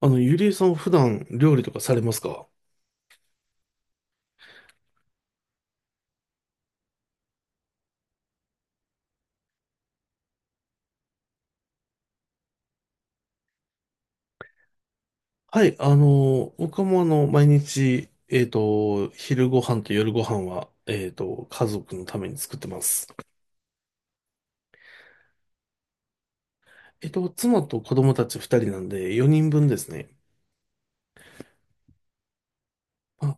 ゆりえさんは普段料理とかされますか？はい、僕も毎日、昼ご飯と夜ご飯は、家族のために作ってます。妻と子供たち2人なんで4人分ですね。あ、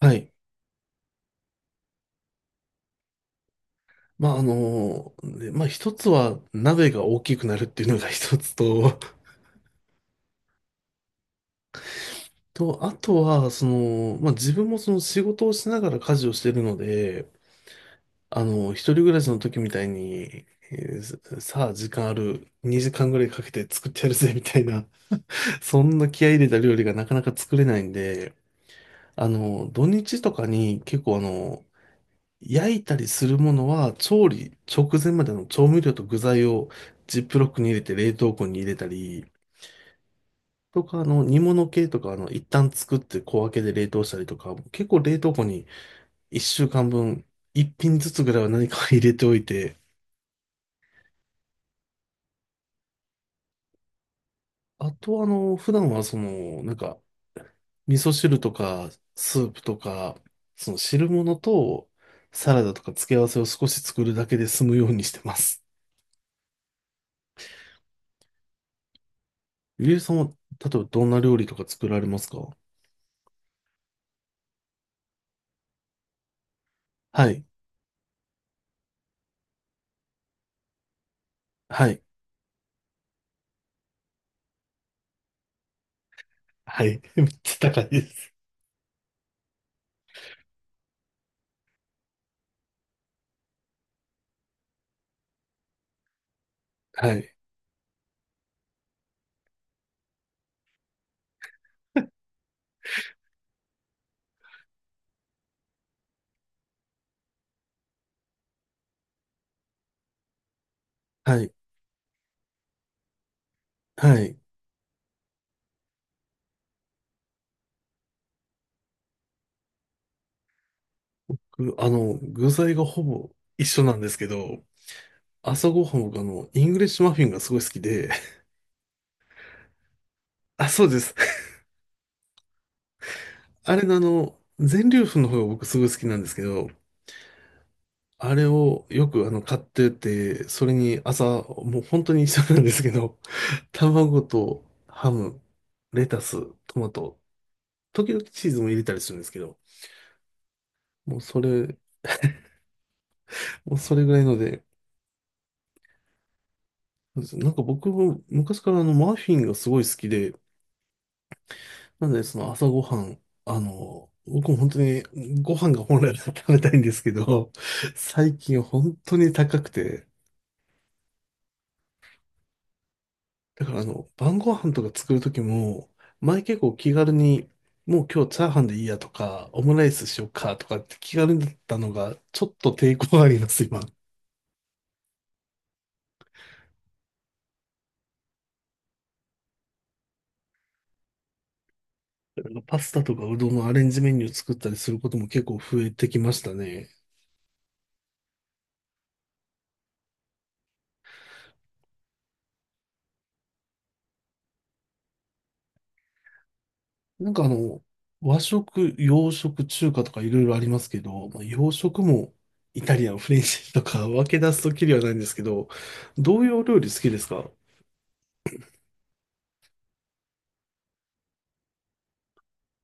はい。まあ、あの、で、まあ、一つは鍋が大きくなるっていうのが 一つと、と、あとは、自分もその仕事をしながら家事をしてるので、一人暮らしの時みたいに、えーさあ時間ある、2時間ぐらいかけて作ってやるぜみたいな、そんな気合い入れた料理がなかなか作れないんで、土日とかに結構焼いたりするものは調理直前までの調味料と具材をジップロックに入れて冷凍庫に入れたり、とか、煮物系とか、一旦作って小分けで冷凍したりとか、結構冷凍庫に1週間分、1品ずつぐらいは何か入れておいて、あと、普段はその、味噌汁とか、スープとか、その汁物と、サラダとか付け合わせを少し作るだけで済むようにしてます。ゆりえさんは、例えばどんな料理とか作られますか？はい。はい。はい。めっちゃ高いです。はい。はい。はい。ぐあの、具材がほぼ一緒なんですけど、朝ごはん僕イングリッシュマフィンがすごい好きで、あ、そうです。あれの全粒粉の方が僕すごい好きなんですけど、あれをよく買ってて、それに朝、もう本当に一緒なんですけど、卵とハム、レタス、トマト、時々チーズも入れたりするんですけど、もうそれ、もうそれぐらいので、なんか僕も昔からマフィンがすごい好きで、なのでその朝ごはん、僕も本当にご飯が本来は食べたいんですけど、最近本当に高くて、だから晩ご飯とか作るときも、前結構気軽に、もう今日チャーハンでいいやとか、オムライスしようかとかって気軽だったのが、ちょっと抵抗があります、今。だからパスタとかうどんのアレンジメニュー作ったりすることも結構増えてきましたね。なんかあの、和食、洋食、中華とかいろいろありますけど、洋食もイタリアン、フレンチとか分け出すときりはないんですけど、どういうお料理好きですか？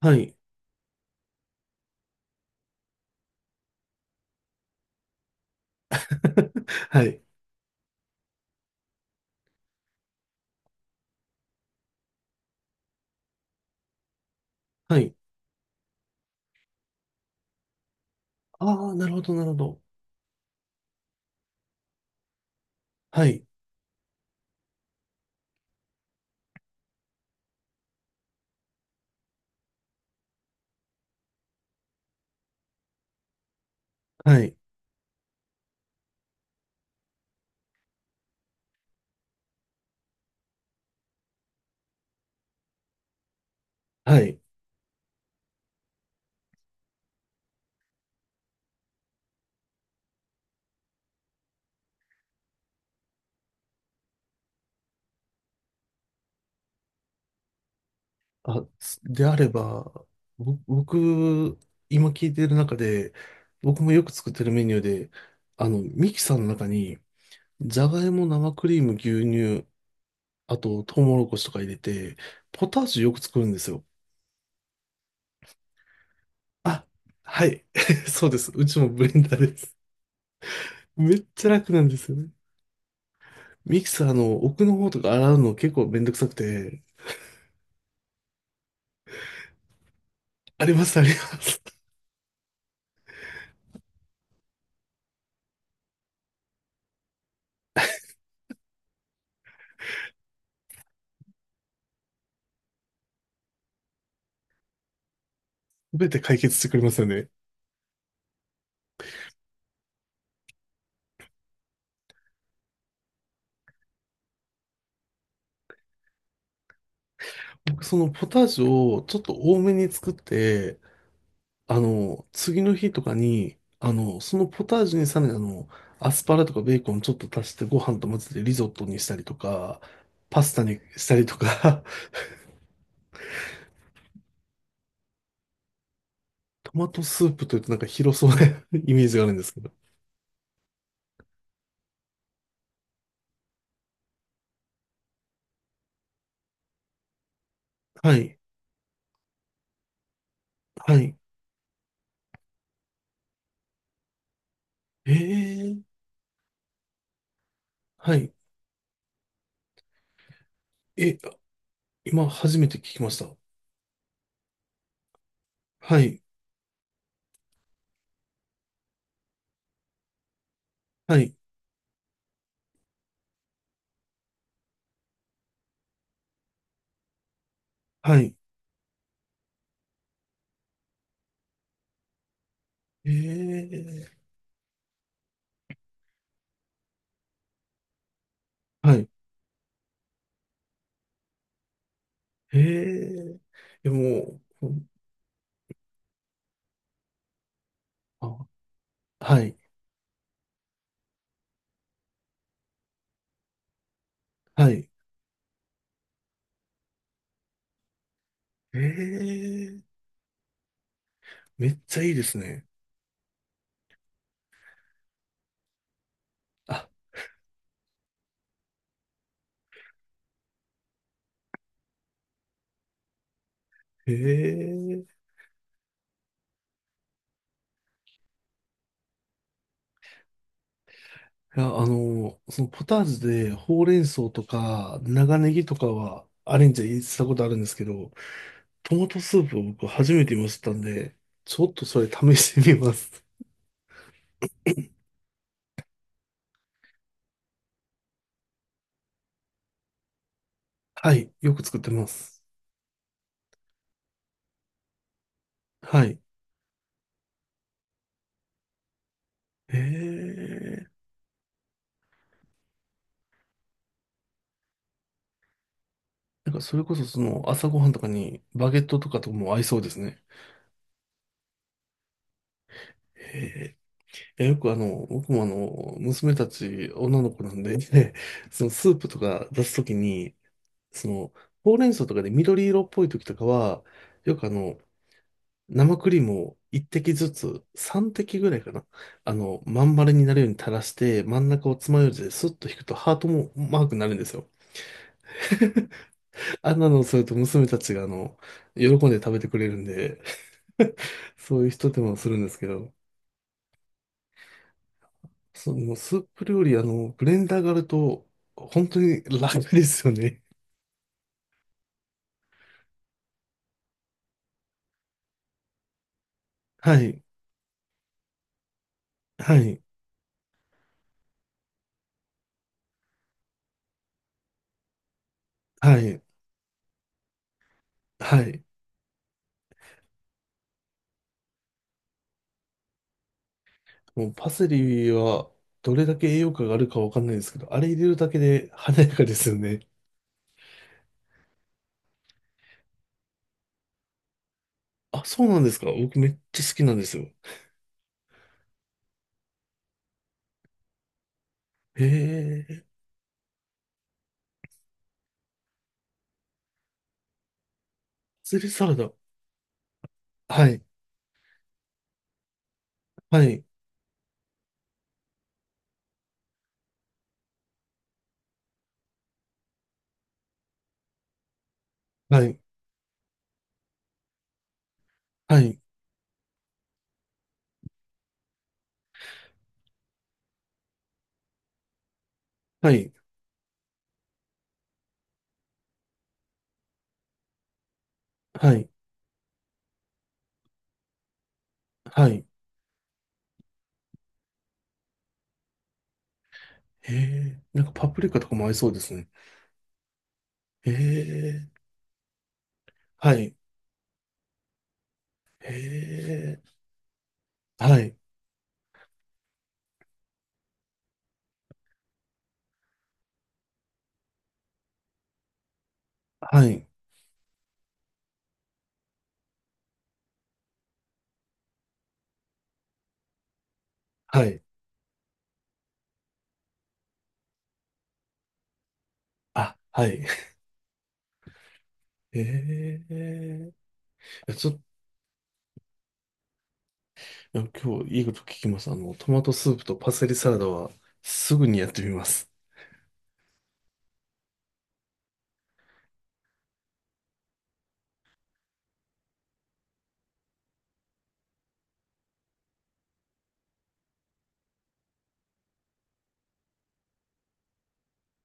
はい、はい、はい。ああ、なるほど、なるほど。はい、はい、はい。あ、すであれば、僕、今聞いてる中で、僕もよく作ってるメニューで、ミキサーの中に、じゃがいも、生クリーム、牛乳、あと、トウモロコシとか入れて、ポタージュよく作るんですよ。あ、はい。そうです。うちもブレンダーです。めっちゃ楽なんですよね。ミキサーの奥の方とか洗うの結構めんどくさくて、あります。全て解決してくれますよね。僕そのポタージュをちょっと多めに作って、次の日とかに、そのポタージュにさらにアスパラとかベーコンちょっと足してご飯と混ぜてリゾットにしたりとか、パスタにしたりとか、トマトスープというとなんか広そうな イメージがあるんですけど。はい。はい。えー、はい。え、今初めて聞きました。はい。はい。はい。えー、はい。えー、いやもう、あ、はい。はい。ええ、めっちゃいいですね。あ、ええ、いや、そのポタージュでほうれん草とか長ネギとかはアレンジしたことあるんですけど、トマトスープを僕初めて見ましたんで、ちょっとそれ試してみます。はい、よく作ってます。はい。ええ、なんかそれこそその朝ごはんとかにバゲットとかとも合いそうですね。へえ、えよく僕も娘たち、女の子なんで、そのスープとか出すときに、その、ほうれん草とかで緑色っぽいときとかは、よく生クリームを一滴ずつ、三滴ぐらいかな。まん丸になるように垂らして、真ん中を爪楊枝でスッと引くとハートもマークになるんですよ。あんなのをすると娘たちが喜んで食べてくれるんで そういう一手間をするんですけど。そのスープ料理、ブレンダーがあると、本当に楽ですよね。はい、はい、はい、はい。もうパセリは、どれだけ栄養価があるかわかんないですけど、あれ入れるだけで華やかですよね。あ、そうなんですか。僕めっちゃ好きなんですよ。へえ、パセリサラダ。はい、はい、はい、はい、はい、はい、はい。へえ、なんかパプリカとかも合いそうですね。へえ、はい、へえ、はい、はい、はい。あ、はい。ええ、ちょっと、いや今日いいこと聞きます。トマトスープとパセリサラダはすぐにやってみます。